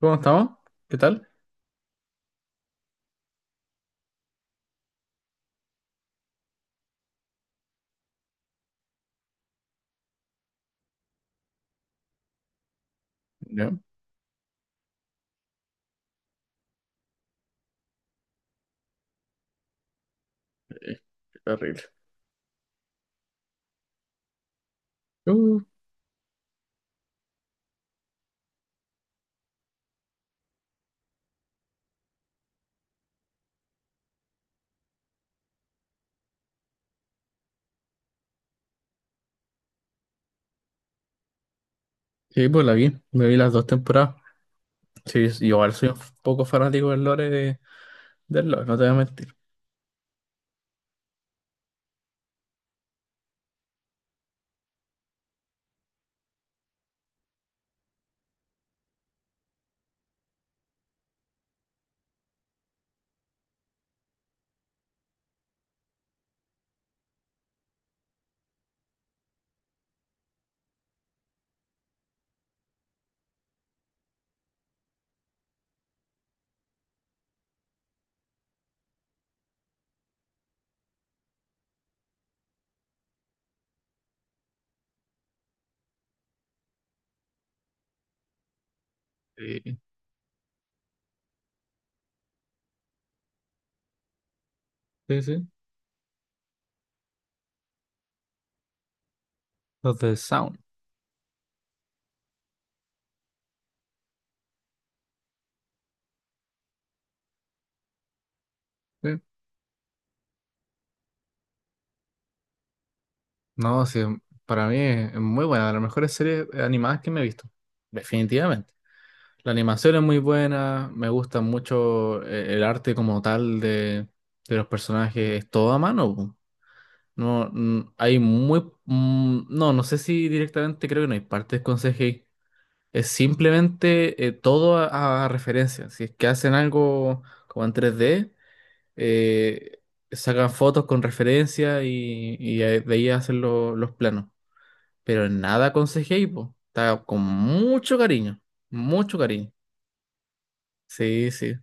¿Cómo estamos? ¿Qué tal? Ya, eh, terrible. Uh, sí, pues la vi, me vi las dos temporadas. Sí, yo igual soy un poco fanático del lore del lore, no te voy a mentir. Sí, sí, sí. Los de Sound. Sí. No, sí, para mí es muy buena, de las mejores series animadas que me he visto. Definitivamente. La animación es muy buena, me gusta mucho el arte como tal de los personajes, es todo a mano, po. No, mm, hay muy... mm, no, no sé si directamente, creo que no hay partes con CGI. Es simplemente todo a referencia. Si es que hacen algo como en 3D, eh, sacan fotos con referencia y, de ahí hacen los planos. Pero nada con CGI, po. Está con mucho cariño. Mucho cariño. Sí, sí.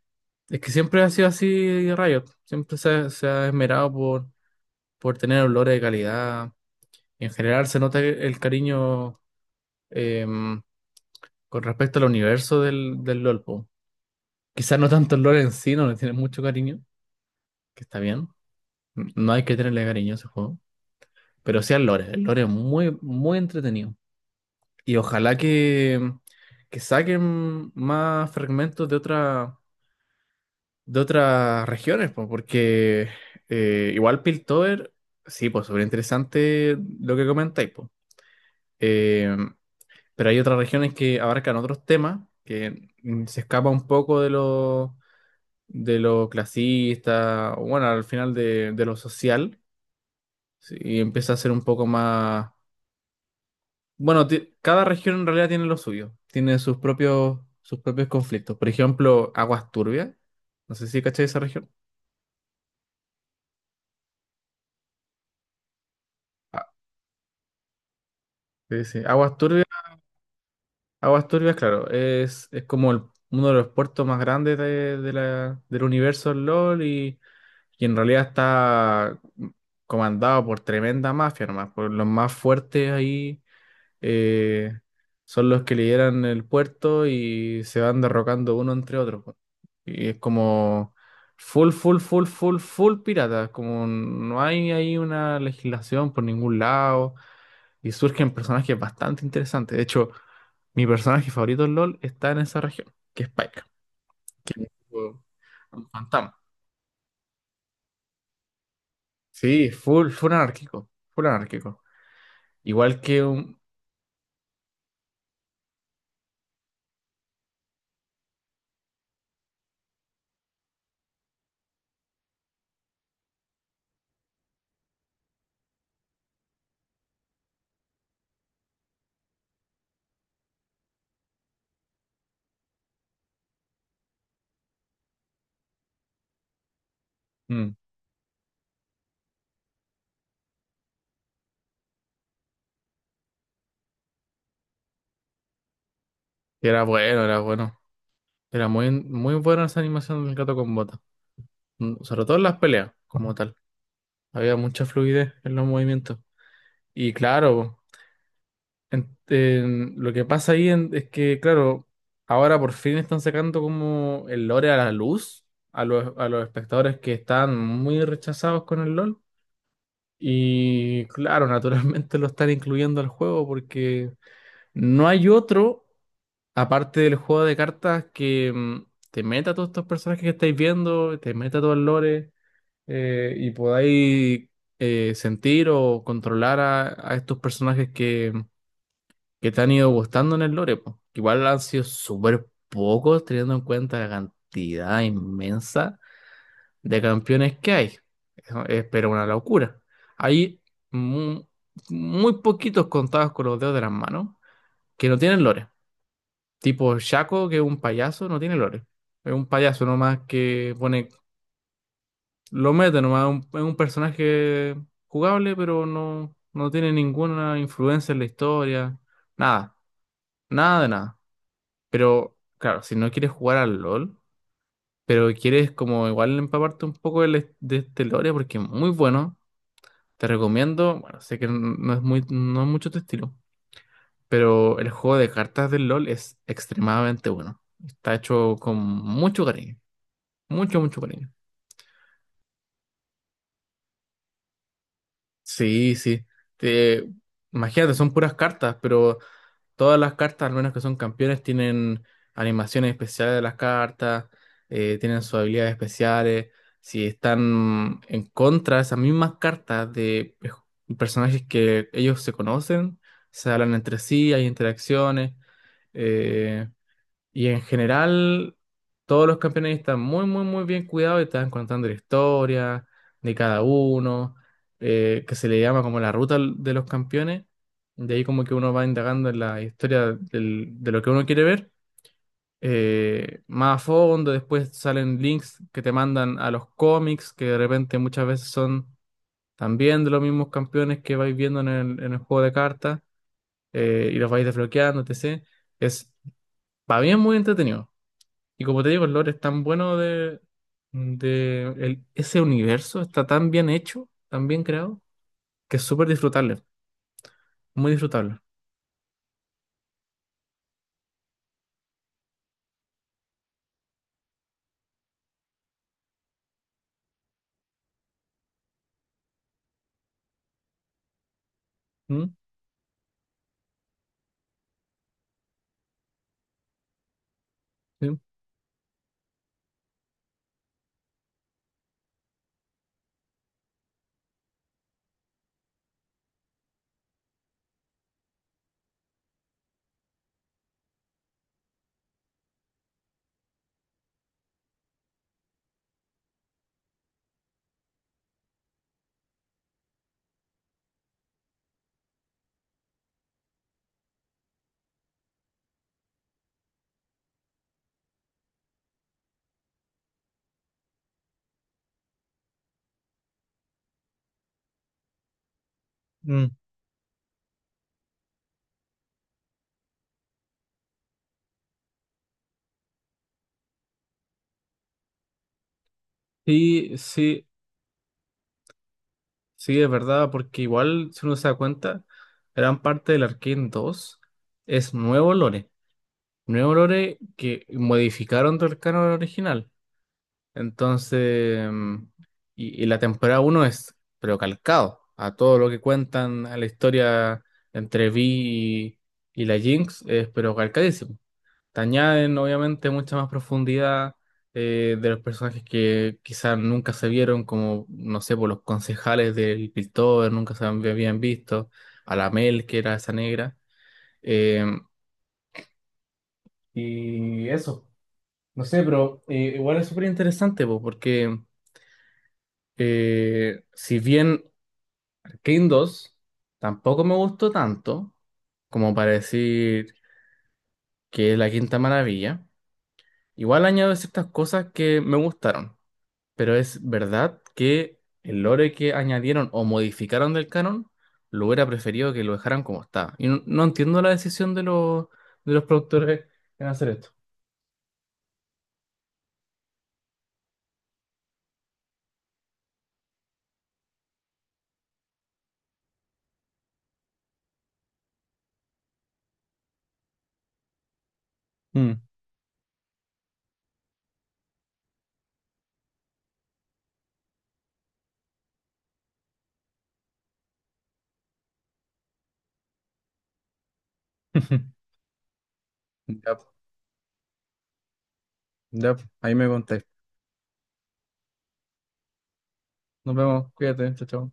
Es que siempre ha sido así Riot. Siempre se ha esmerado por tener olores de calidad. En general se nota el cariño, em, con respecto al universo del LOL, po. Quizás no tanto el LOL en sí, no le tiene mucho cariño, que está bien. No hay que tenerle cariño a ese juego. Pero sí al lore. El lore es muy, muy entretenido. Y ojalá que, que saquen más fragmentos de otras regiones, po, porque igual Piltover, sí, pues súper interesante lo que comentáis, pues. Pero hay otras regiones que abarcan otros temas que mm, se escapa un poco de lo clasista, o bueno, al final de lo social, sí, y empieza a ser un poco más... Bueno, cada región en realidad tiene lo suyo, tiene sus propios conflictos. Por ejemplo, Aguas Turbias, no sé si cachai esa región. Ah, sí, sí. Aguas Turbias, Aguas Turbias, claro, es como uno de los puertos más grandes del universo LOL, y en realidad está comandado por tremenda mafia nomás, por los más fuertes ahí, eh, son los que lideran el puerto y se van derrocando uno entre otro, po. Y es como full, full, full, full, full pirata, como no hay ahí una legislación por ningún lado, y surgen personajes bastante interesantes. De hecho, mi personaje favorito en LOL está en esa región, que es Pike, que es un tipo- un fantasma. Sí, full, full anárquico, full anárquico. Igual que un... mm, que era bueno, era bueno. Era muy, muy buena esa animación del gato con bota. Mm, sobre todo en las peleas, como tal. Había mucha fluidez en los movimientos. Y claro, lo que pasa ahí es que, claro, ahora por fin están sacando como el lore a la luz a los espectadores que están muy rechazados con el LOL. Y claro, naturalmente lo están incluyendo al juego, porque... No hay otro aparte del juego de cartas que mm, te meta todos estos personajes que estáis viendo, te meta todo el lore, y podáis sentir o controlar a estos personajes que te han ido gustando en el lore, po. Igual han sido súper pocos teniendo en cuenta la cantidad inmensa de campeones que hay. Eso es, pero una locura. Hay mu- muy poquitos, contados con los dedos de las manos, que no tienen lore. Tipo Shaco, que es un payaso, no tiene lore. Es un payaso nomás que pone, lo mete nomás, es un personaje jugable, pero no, no tiene ninguna influencia en la historia. Nada, nada de nada. Pero claro, si no quieres jugar al LOL, pero quieres como igual empaparte un poco este lore, porque es muy bueno, te recomiendo, bueno, sé que no es muy, no es mucho tu estilo, pero el juego de cartas del LOL es extremadamente bueno. Está hecho con mucho cariño. Mucho, mucho cariño. Sí, sí. Te- imagínate, son puras cartas, pero todas las cartas, al menos que son campeones, tienen animaciones especiales de las cartas, tienen sus habilidades especiales. Si están en contra de esas mismas cartas de personajes que ellos se conocen, se hablan entre sí, hay interacciones. eh, Y en general, todos los campeones están muy, muy, muy bien cuidados, y están contando la historia de cada uno, que se le llama como la de los campeones. De ahí como que uno va indagando en la historia de lo que uno quiere ver, más a fondo. Después salen links que te mandan a los cómics, que de repente muchas veces son también de los mismos campeones que vais viendo en el juego de cartas, y los vais desbloqueando, etc. Es, para mí es muy entretenido. Y como te digo, el lore es tan bueno ese universo, está tan bien hecho, tan bien creado, que es súper disfrutable, muy disfrutable. ¿Mm? ¿Sí? Mm, sí, sí, sí, es verdad, porque igual, si uno se da cuenta, gran parte del Arcane 2, es nuevo lore que modificaron del canon original. Entonces, mm, y la temporada uno es pero calcado a todo lo que cuentan a la historia entre Vi y la Jinx, es pero calcadísimo. Te añaden, obviamente, mucha más profundidad, de los personajes que quizás nunca se vieron, como, no sé, por los concejales del Piltover, nunca habían visto, a la Mel, que era esa negra. eh, y eso, no sé, pero igual es súper interesante, po, porque. Si bien King 2 tampoco me gustó tanto como para decir que es la quinta maravilla, igual añado ciertas cosas que me gustaron, pero es verdad que el lore que añadieron o modificaron del canon, lo hubiera preferido que lo dejaran como está. Y no, no entiendo la decisión de los productores en hacer esto. Mm. Ya, ya, ahí me contáis. Nos vemos, cuídate, chao, chao.